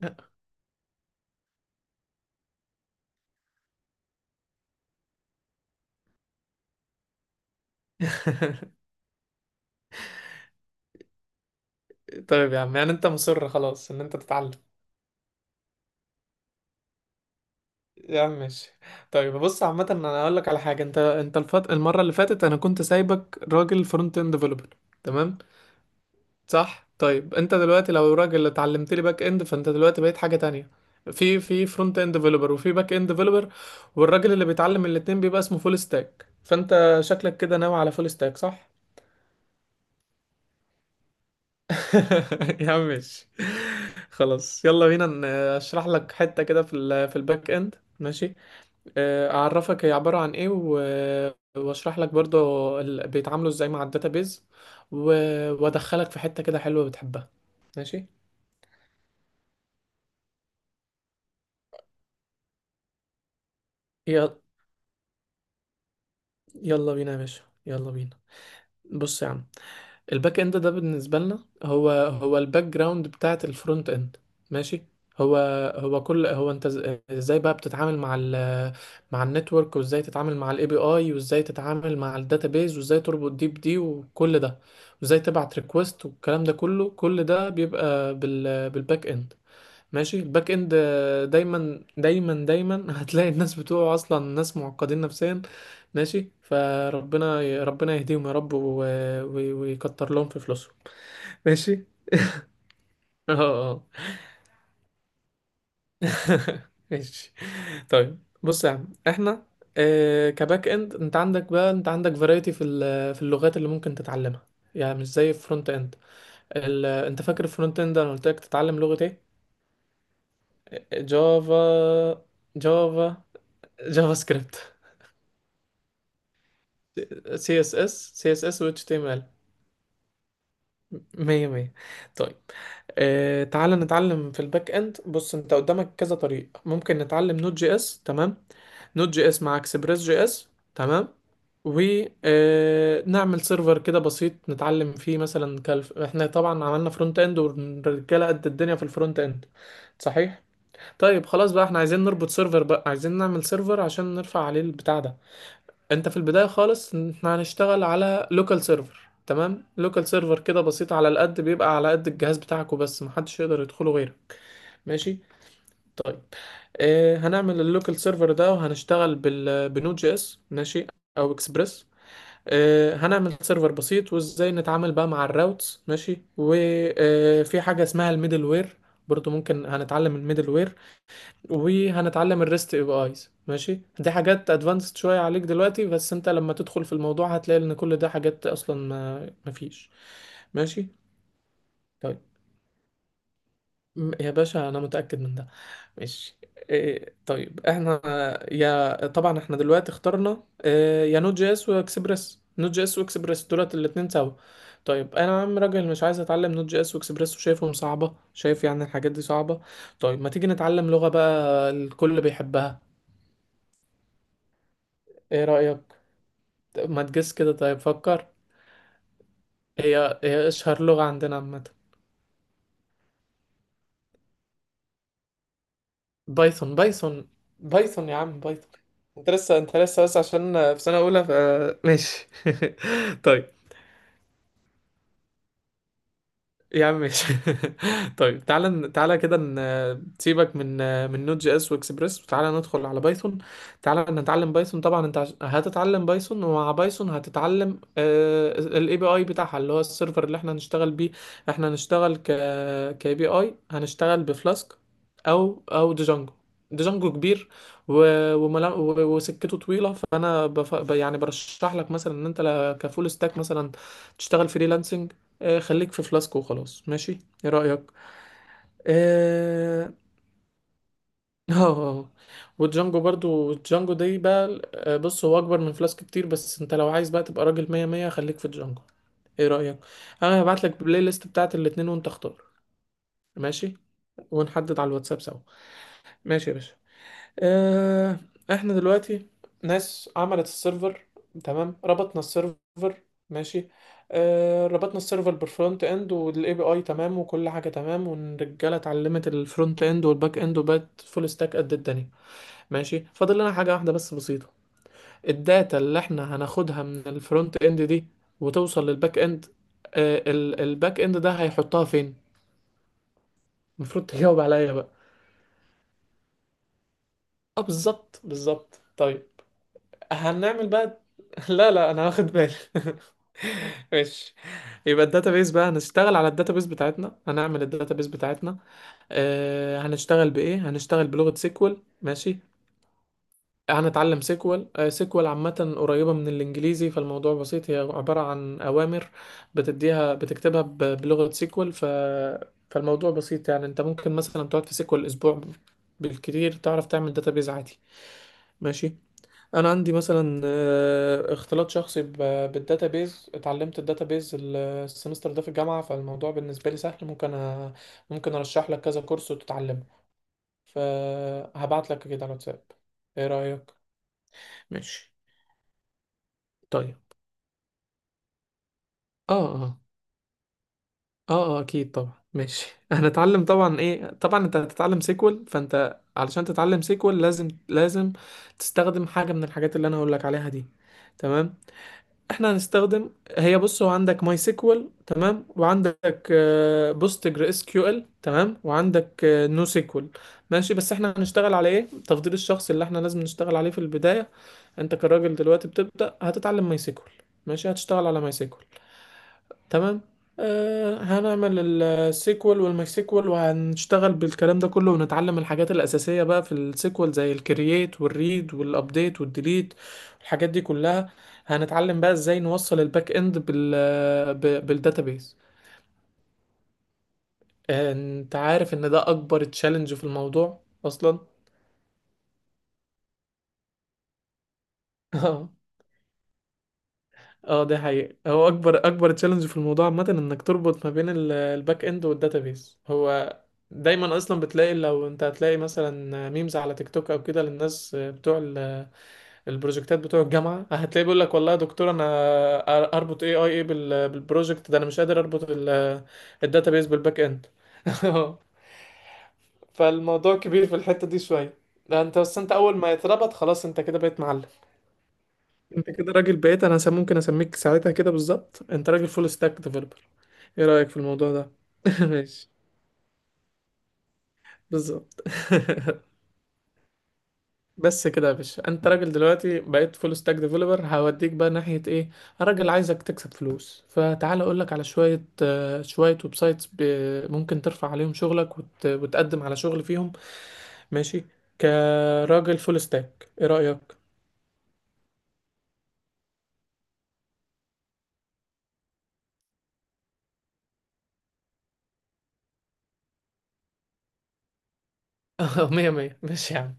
طيب يا عم، يعني انت مصر خلاص ان انت تتعلم. يا عم ماشي. طيب بص، عامة انا هقول لك على حاجة، انت المرة اللي فاتت انا كنت سايبك راجل فرونت اند ديفلوبر. تمام. صح، طيب انت دلوقتي لو راجل اتعلمت لي باك اند فانت دلوقتي بقيت حاجة تانية. في فرونت اند ديفلوبر وفي باك اند ديفلوبر، والراجل اللي بيتعلم الاتنين بيبقى اسمه فول ستاك، فانت شكلك كده ناوي على فول ستاك، صح؟ يا عم ماشي. خلاص يلا بينا، اشرح لك حتة كده في ال في الباك اند، ماشي. اعرفك هي عبارة عن ايه، واشرح لك برضو بيتعاملوا ازاي مع الداتابيز، وادخلك في حتة كده حلوة بتحبها. ماشي. يلا يلا بينا يا باشا، يلا بينا. بص يا عم، الباك اند ده بالنسبه لنا هو هو الباك جراوند بتاعه الفرونت اند. ماشي. هو هو انت ازاي بقى بتتعامل مع مع النتورك، وازاي تتعامل مع الاي بي اي، وازاي تتعامل مع الداتابيز، وازاي تربط دي بدي، وكل ده، وازاي تبعت ريكوست والكلام ده كله، كل ده بيبقى بالباك اند. ماشي. الباك اند دايما دايما دايما هتلاقي الناس بتوعه اصلا ناس معقدين نفسيا. ماشي، فربنا ربنا يهديهم يا رب، و... ويكتر لهم في فلوسهم. ماشي. اه اه. ماشي. طيب بص يا عم احنا، كباك اند انت عندك بقى، انت عندك فرايتي في في اللغات اللي ممكن تتعلمها، يعني مش زي الفرونت اند. انت فاكر الفرونت اند انا قلت لك تتعلم لغة ايه؟ جافا. جافا، جافا سكريبت. سي اس اس. سي اس اس و اتش تي ام ال. مية مية. طيب. آه تعال نتعلم في الباك اند. بص انت قدامك كذا طريق، ممكن نتعلم نوت جي اس. تمام. نوت جي اس مع اكسبريس جي اس. تمام. ونعمل سيرفر كده بسيط نتعلم فيه مثلا، كالف احنا طبعا عملنا فرونت اند والرجاله قد الدنيا في الفرونت اند. صحيح. طيب خلاص بقى، احنا عايزين نربط سيرفر بقى، عايزين نعمل سيرفر عشان نرفع عليه البتاع ده. انت في البداية خالص ان احنا هنشتغل على لوكال سيرفر. تمام. لوكال سيرفر كده بسيط على القد، بيبقى على قد الجهاز بتاعك وبس، محدش يقدر يدخله غيره. ماشي. طيب. اه هنعمل اللوكال سيرفر ده وهنشتغل بنود جي اس ماشي، او اكسبريس. اه هنعمل سيرفر بسيط، وازاي نتعامل بقى مع الراوتس ماشي، وفي حاجة اسمها الميدل وير، برضو ممكن هنتعلم الميدل وير. وهنتعلم الريست اي بي ايز ماشي. دي حاجات ادفانسد شويه عليك دلوقتي، بس انت لما تدخل في الموضوع هتلاقي ان كل ده حاجات اصلا ما مفيش. ماشي. طيب يا باشا انا متاكد من ده. ماشي. إيه طيب احنا، يا طبعا احنا دلوقتي اخترنا إيه، يا نوت جي اس واكسبريس. نوت جي اس واكسبريس دولت الاتنين سوا. طيب انا يا عم راجل مش عايز اتعلم نوت جي اس واكسبريس وشايفهم صعبه، شايف يعني الحاجات دي صعبه. طيب ما تيجي نتعلم لغه بقى الكل بيحبها، ايه رايك؟ ما تجس كده، طيب فكر. هي هي اشهر لغة عندنا عامة. بايثون. بايثون، بايثون يا عم بايثون. انت لسه بس عشان في سنة اولى ف... ماشي. طيب يا عم ماشي. طيب تعالى تعالى كده، سيبك من من نوت جي اس واكسبريس وتعالى ندخل على بايثون. تعالى نتعلم بايثون. طبعا انت هتتعلم بايثون، ومع بايثون هتتعلم الاي بي اي بتاعها اللي هو السيرفر اللي احنا هنشتغل بيه. احنا هنشتغل كاي بي اي هنشتغل بفلاسك، او ديجانجو. ديجانجو كبير، و... وسكته طويله، يعني برشح لك مثلا ان انت كفول ستاك مثلا تشتغل فريلانسنج. خليك في فلاسكو وخلاص ماشي، ايه رأيك؟ اه. آه. آه. والجانجو برضو، الجانجو دي بقى، بص هو اكبر من فلاسك كتير، بس انت لو عايز بقى تبقى راجل مية مية خليك في الجانجو. ايه رأيك؟ انا هبعت لك البلاي ليست بتاعت الاتنين وانت اختار. ماشي، ونحدد على الواتساب سوا. ماشي يا باشا. آه، احنا دلوقتي ناس عملت السيرفر، تمام، ربطنا السيرفر، ماشي. ربطنا السيرفر بالفرونت اند والاي بي اي، تمام، وكل حاجه تمام، والرجاله اتعلمت الفرونت اند والباك اند وبقت فول ستاك قد الدنيا. ماشي، فاضل لنا حاجه واحده بس بسيطه. الداتا اللي احنا هناخدها من الفرونت اند دي وتوصل للباك اند، الباك اند ده هيحطها فين؟ المفروض تجاوب عليا بقى. اه بالظبط بالظبط، طيب. هنعمل بقى. لا لا انا واخد بالي. ماشي. يبقى الداتابيس بقى، هنشتغل على الداتابيس بتاعتنا، هنعمل الداتابيس بتاعتنا. آه هنشتغل بايه، هنشتغل بلغة سيكوال ماشي. هنتعلم سيكوال. آه سيكوال عامة قريبة من الانجليزي، فالموضوع بسيط، هي عبارة عن اوامر بتديها، بتكتبها بلغة سيكوال، فالموضوع بسيط. يعني انت ممكن مثلا تقعد في سيكوال اسبوع بالكتير تعرف تعمل داتابيس عادي. ماشي. انا عندي مثلا، اختلاط شخصي بالداتابيز، اتعلمت الداتابيز السمستر ده في الجامعه، فالموضوع بالنسبه لي سهل، ممكن ممكن ارشح لك كذا كورس وتتعلمه، فهبعت لك كده على الواتساب، ايه رايك؟ ماشي. طيب اه اه. اه اه، اكيد طبعا، ماشي. هنتعلم طبعا. ايه طبعا، انت هتتعلم سيكوال، فانت علشان تتعلم سيكوال لازم لازم تستخدم حاجه من الحاجات اللي انا هقول لك عليها دي. تمام. احنا هنستخدم، هي بص، هو عندك ماي سيكوال تمام، وعندك بوستجر اس كيو ال تمام، وعندك نو سيكوال ماشي. بس احنا هنشتغل على ايه تفضيل الشخص اللي احنا لازم نشتغل عليه في البداية. انت كراجل دلوقتي بتبدأ هتتعلم ماي سيكوال. ماشي هتشتغل على ماي سيكوال. تمام. آه هنعمل السيكوال والمايسيكوال، وهنشتغل بالكلام ده كله، ونتعلم الحاجات الأساسية بقى في السيكوال زي الكرييت والريد والابديت والديليت، الحاجات دي كلها. هنتعلم بقى ازاي نوصل الباك اند بالداتابيس. انت عارف ان ده اكبر تشالنج في الموضوع اصلا. اه دي حقيقة، هو اكبر اكبر تشالنج في الموضوع عامة انك تربط ما بين الباك اند والداتابيز. هو دايما اصلا بتلاقي، لو انت هتلاقي مثلا ميمز على تيك توك او كده، للناس بتوع البروجكتات بتوع الجامعة، هتلاقي بيقول لك والله يا دكتور انا اربط اي اي ايه بالبروجكت ده، انا مش قادر اربط الداتابيز بالباك اند. فالموضوع كبير في الحتة دي شوية. لا انت بس، انت اول ما يتربط خلاص انت كده بقيت معلم. انت كده راجل بقيت، انا ممكن اسميك ساعتها كده بالظبط، انت راجل فول ستاك ديفلوبر. ايه رأيك في الموضوع ده؟ ماشي. بالظبط. بس كده يا باشا، انت راجل دلوقتي بقيت فول ستاك ديفلوبر، هوديك بقى ناحية ايه. راجل عايزك تكسب فلوس، فتعال اقولك على شوية، شوية ويب سايتس ممكن ترفع عليهم شغلك وتقدم على شغل فيهم. ماشي. كراجل فول ستاك ايه رأيك؟ مية مية، ماشي يا عم.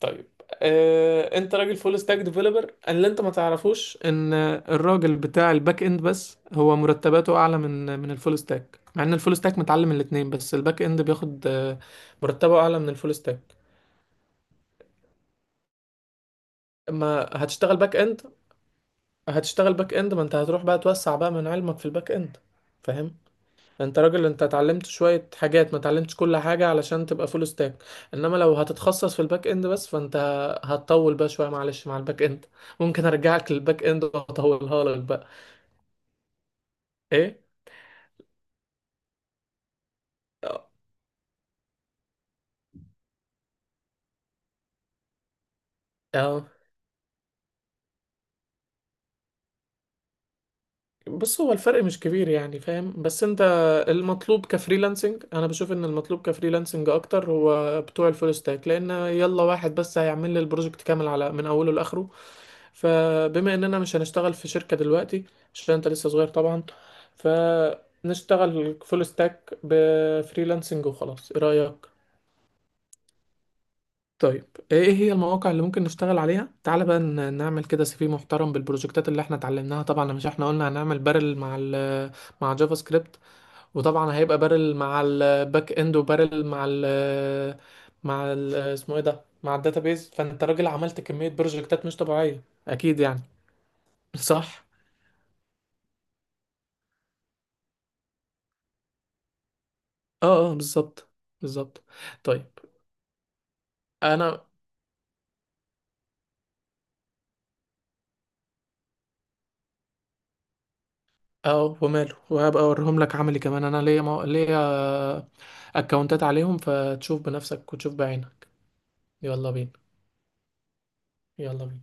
طيب انت راجل فول ستاك ديفلوبر، اللي انت ما تعرفوش ان الراجل بتاع الباك اند بس هو مرتباته اعلى من الفول ستاك، مع ان الفول ستاك متعلم الاتنين، بس الباك اند بياخد مرتبه اعلى من الفول ستاك. اما هتشتغل باك اند، هتشتغل باك اند، ما انت هتروح بقى توسع بقى من علمك في الباك اند، فاهم؟ انت راجل، انت اتعلمت شوية حاجات، ما اتعلمتش كل حاجة علشان تبقى فول ستاك، انما لو هتتخصص في الباك اند بس فانت هتطول بقى شوية معلش مع الباك اند، ممكن ارجعك للباك اند واطولها لك بقى. ايه اه، بص هو الفرق مش كبير يعني، فاهم؟ بس انت المطلوب كفريلانسنج، انا بشوف ان المطلوب كفريلانسنج اكتر هو بتوع الفول ستاك، لان يلا واحد بس هيعمل لي البروجكت كامل على من اوله لاخره، فبما اننا مش هنشتغل في شركة دلوقتي عشان انت لسه صغير طبعا، فنشتغل فول ستاك بفريلانسنج وخلاص، ايه رأيك؟ طيب. ايه إيه هي المواقع اللي ممكن نشتغل عليها، تعال بقى نعمل كده سي في محترم بالبروجكتات اللي احنا اتعلمناها. طبعا مش احنا قلنا هنعمل بارل مع مع جافا سكريبت، وطبعا هيبقى بارل مع الباك اند، وبارل مع ال مع ال اسمه ايه ده، مع الداتابيز. فانت راجل عملت كمية بروجكتات مش طبيعية، اكيد يعني. صح. اه اه بالظبط بالظبط. طيب انا اه وماله، وهبقى اوريهم لك عملي كمان، انا ليا ليا اكونتات عليهم فتشوف بنفسك وتشوف بعينك. يلا بينا، يلا بينا.